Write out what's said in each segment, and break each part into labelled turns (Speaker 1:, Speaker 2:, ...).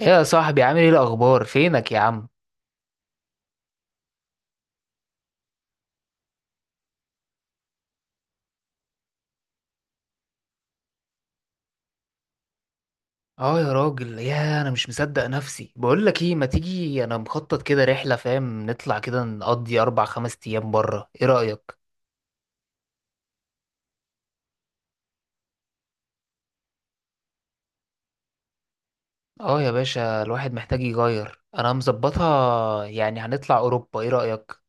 Speaker 1: ايه يا صاحبي، عامل ايه؟ الاخبار، فينك يا عم؟ اه يا راجل يا، انا مش مصدق نفسي. بقول لك ايه، ما تيجي، انا مخطط كده رحله، فاهم، نطلع كده نقضي اربع خمس ايام بره. ايه رايك؟ اه يا باشا، الواحد محتاج يغير. انا مظبطها يعني، هنطلع اوروبا. ايه رايك؟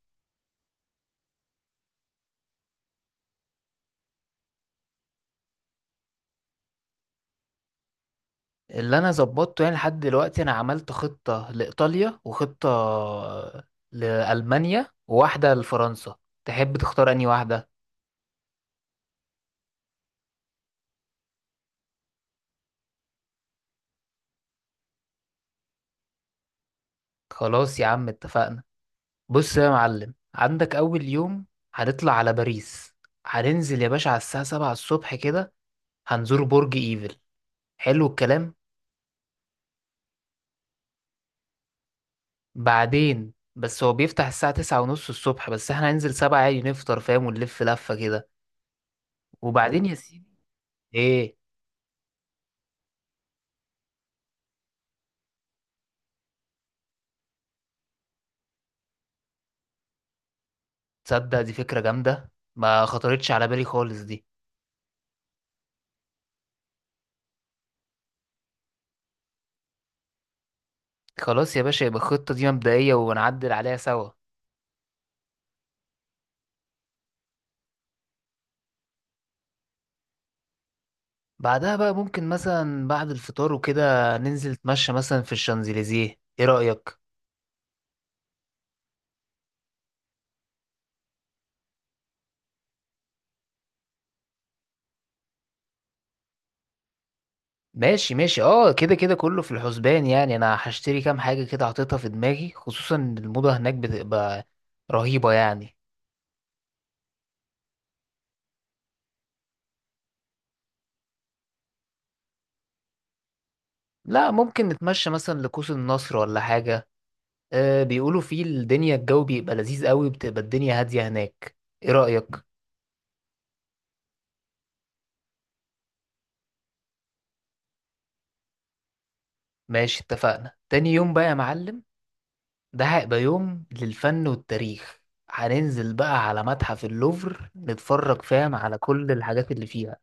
Speaker 1: اللي انا ظبطته يعني لحد دلوقتي، انا عملت خطه لايطاليا وخطه لالمانيا وواحده لفرنسا. تحب تختار انهي واحده؟ خلاص يا عم اتفقنا. بص يا معلم، عندك أول يوم هنطلع على باريس. هننزل يا باشا على الساعة سبعة الصبح كده، هنزور برج إيفل. حلو الكلام. بعدين بس هو بيفتح الساعة تسعة ونص الصبح، بس احنا هننزل سبعة عادي، نفطر، فاهم، ونلف لفة كده. وبعدين يا سيدي، ايه. تصدق دي فكرة جامدة، ما خطرتش على بالي خالص دي. خلاص يا باشا، يبقى الخطة دي مبدئية ونعدل عليها سوا. بعدها بقى ممكن مثلا بعد الفطار وكده ننزل نتمشى مثلا في الشانزليزيه. ايه رأيك؟ ماشي ماشي، اه كده كده كله في الحسبان يعني. انا هشتري كام حاجة كده، حاططها في دماغي، خصوصا إن الموضة هناك بتبقى رهيبة يعني. لا، ممكن نتمشى مثلا لقوس النصر ولا حاجة. آه، بيقولوا فيه الدنيا الجو بيبقى لذيذ قوي، بتبقى الدنيا هادية هناك. ايه رأيك؟ ماشي اتفقنا. تاني يوم بقى يا معلم، ده هيبقى يوم للفن والتاريخ. هننزل بقى على متحف اللوفر، نتفرج، فاهم، على كل الحاجات اللي فيه.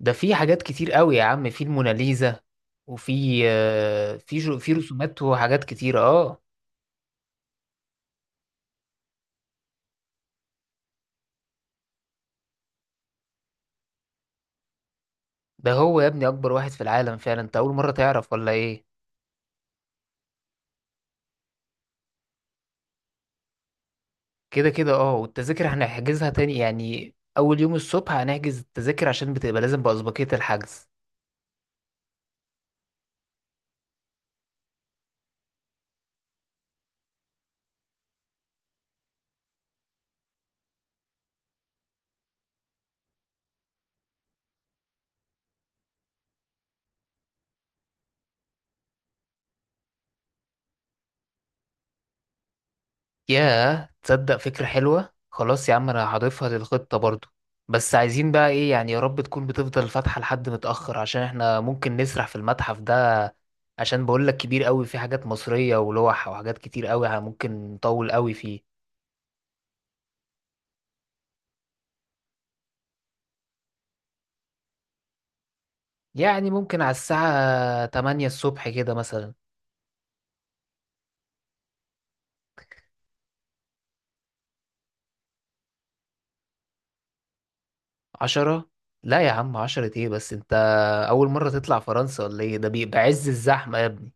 Speaker 1: ده في حاجات كتير قوي يا عم، في الموناليزا، وفي في رسومات وحاجات كتير اه. ده هو يا ابني اكبر واحد في العالم فعلا. انت اول مرة تعرف ولا ايه؟ كده كده اه، والتذاكر هنحجزها تاني يعني. اول يوم الصبح هنحجز التذاكر، عشان بتبقى لازم بأسبقية الحجز. ياه، تصدق فكرة حلوة. خلاص يا عم انا هضيفها للخطة برضو. بس عايزين بقى ايه يعني، يا رب تكون بتفضل فاتحة لحد متأخر، عشان احنا ممكن نسرح في المتحف ده. عشان بقولك كبير قوي، في حاجات مصرية ولوح وحاجات كتير قوي، ممكن نطول قوي فيه. يعني ممكن على الساعة 8 الصبح كده مثلا. 10؟ لا يا عم، 10 ايه بس انت؟ اول مرة تطلع فرنسا ولا ايه؟ ده بيبقى عز الزحمة يا ابني.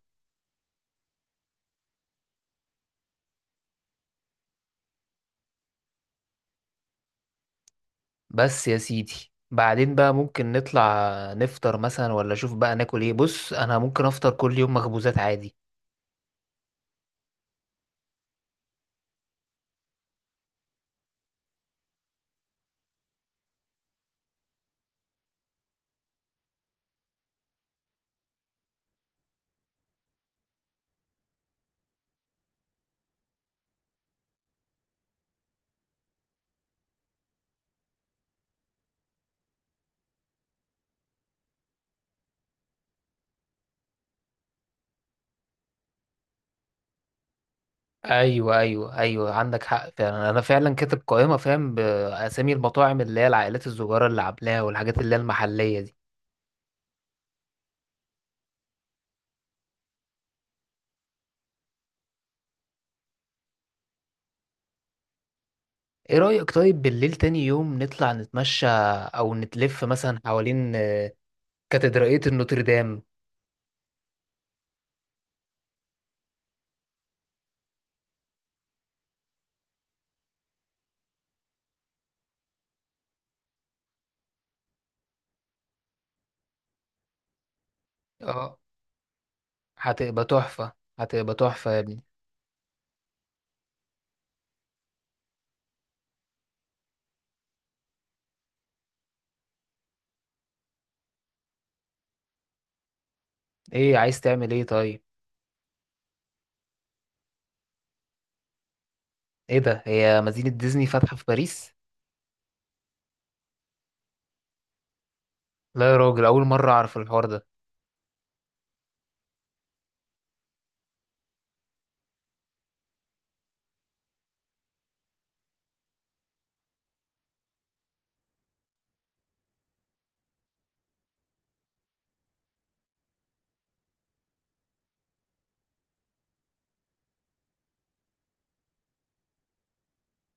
Speaker 1: بس يا سيدي، بعدين بقى ممكن نطلع نفطر مثلا، ولا شوف بقى ناكل ايه. بص انا ممكن افطر كل يوم مخبوزات عادي. ايوه ايوه ايوه، عندك حق فعلا. انا فعلا كاتب قائمه، فاهم، باسامي المطاعم اللي هي العائلات الصغيره اللي عاملاها، والحاجات اللي هي المحليه دي. ايه رايك طيب، بالليل تاني يوم نطلع نتمشى او نتلف مثلا حوالين كاتدرائيه النوتردام. اه، هتبقى تحفه، هتبقى تحفه يا ابني. ايه؟ عايز تعمل ايه طيب؟ ايه ده، هي مدينه ديزني فاتحه في باريس؟ لا يا راجل، اول مره اعرف الحوار ده.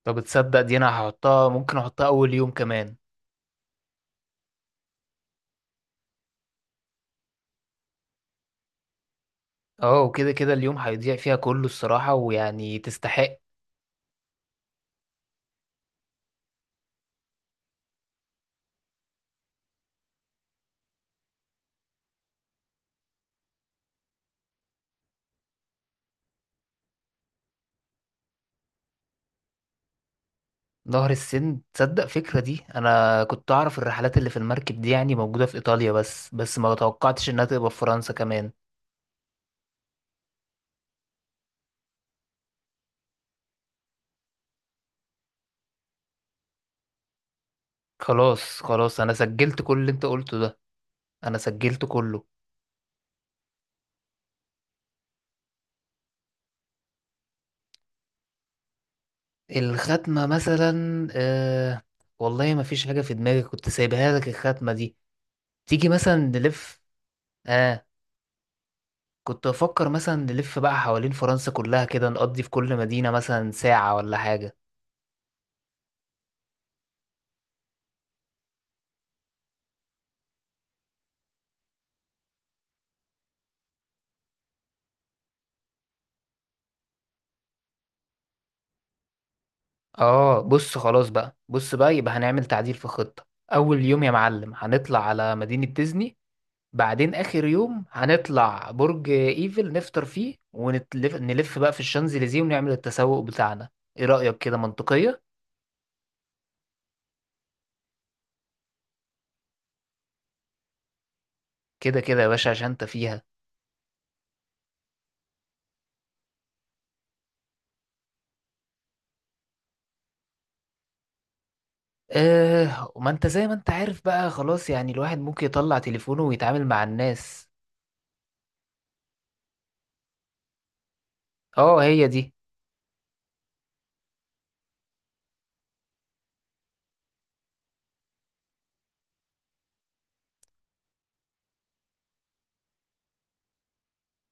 Speaker 1: طب تصدق دي، انا هحطها، ممكن احطها اول يوم كمان. اه وكده كده اليوم هيضيع فيها كله الصراحه، ويعني تستحق. نهر السن، تصدق فكره دي، انا كنت اعرف الرحلات اللي في المركب دي يعني موجوده في ايطاليا، بس ما توقعتش انها تبقى في فرنسا كمان. خلاص خلاص، انا سجلت كل اللي انت قلته ده. انا سجلت كله. الختمه مثلا والله ما فيش حاجه في دماغي، كنت سايبها لك الختمه دي. تيجي مثلا نلف. آه، كنت بفكر مثلا نلف بقى حوالين فرنسا كلها كده، نقضي في كل مدينة مثلا ساعة ولا حاجة. اه بص، خلاص بقى، بص بقى يبقى هنعمل تعديل في الخطة. أول يوم يا معلم هنطلع على مدينة ديزني، بعدين آخر يوم هنطلع برج إيفل نفطر فيه ونلف. بقى في الشانزليزيه، ونعمل التسوق بتاعنا. ايه رأيك، كده منطقية؟ كده كده يا باشا عشان انت فيها. اه، وما انت زي ما انت عارف بقى، خلاص يعني الواحد ممكن يطلع تليفونه ويتعامل مع الناس. اه هي دي.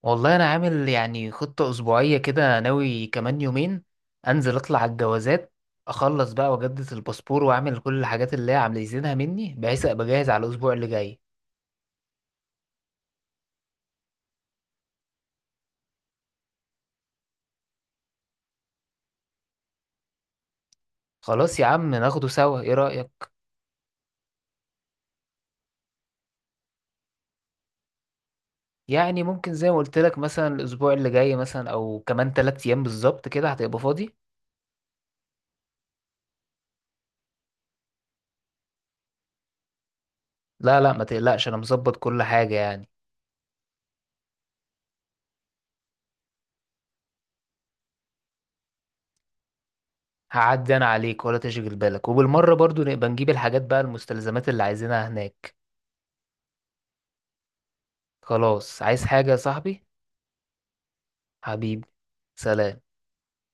Speaker 1: والله انا عامل يعني خطة اسبوعية كده، ناوي كمان يومين انزل اطلع على الجوازات، اخلص بقى واجدد الباسبور واعمل كل الحاجات اللي هي عايزينها مني، بحيث ابقى جاهز على الاسبوع اللي جاي. خلاص يا عم ناخده سوا، ايه رأيك؟ يعني ممكن زي ما قلت لك، مثلا الاسبوع اللي جاي، مثلا او كمان 3 ايام بالظبط كده هتبقى فاضي. لا لا، ما تقلقش، انا مظبط كل حاجة يعني. هعدي انا عليك ولا تشغل بالك، وبالمرة برضو نبقى نجيب الحاجات بقى، المستلزمات اللي عايزينها هناك. خلاص، عايز حاجة يا صاحبي؟ حبيبي، سلام.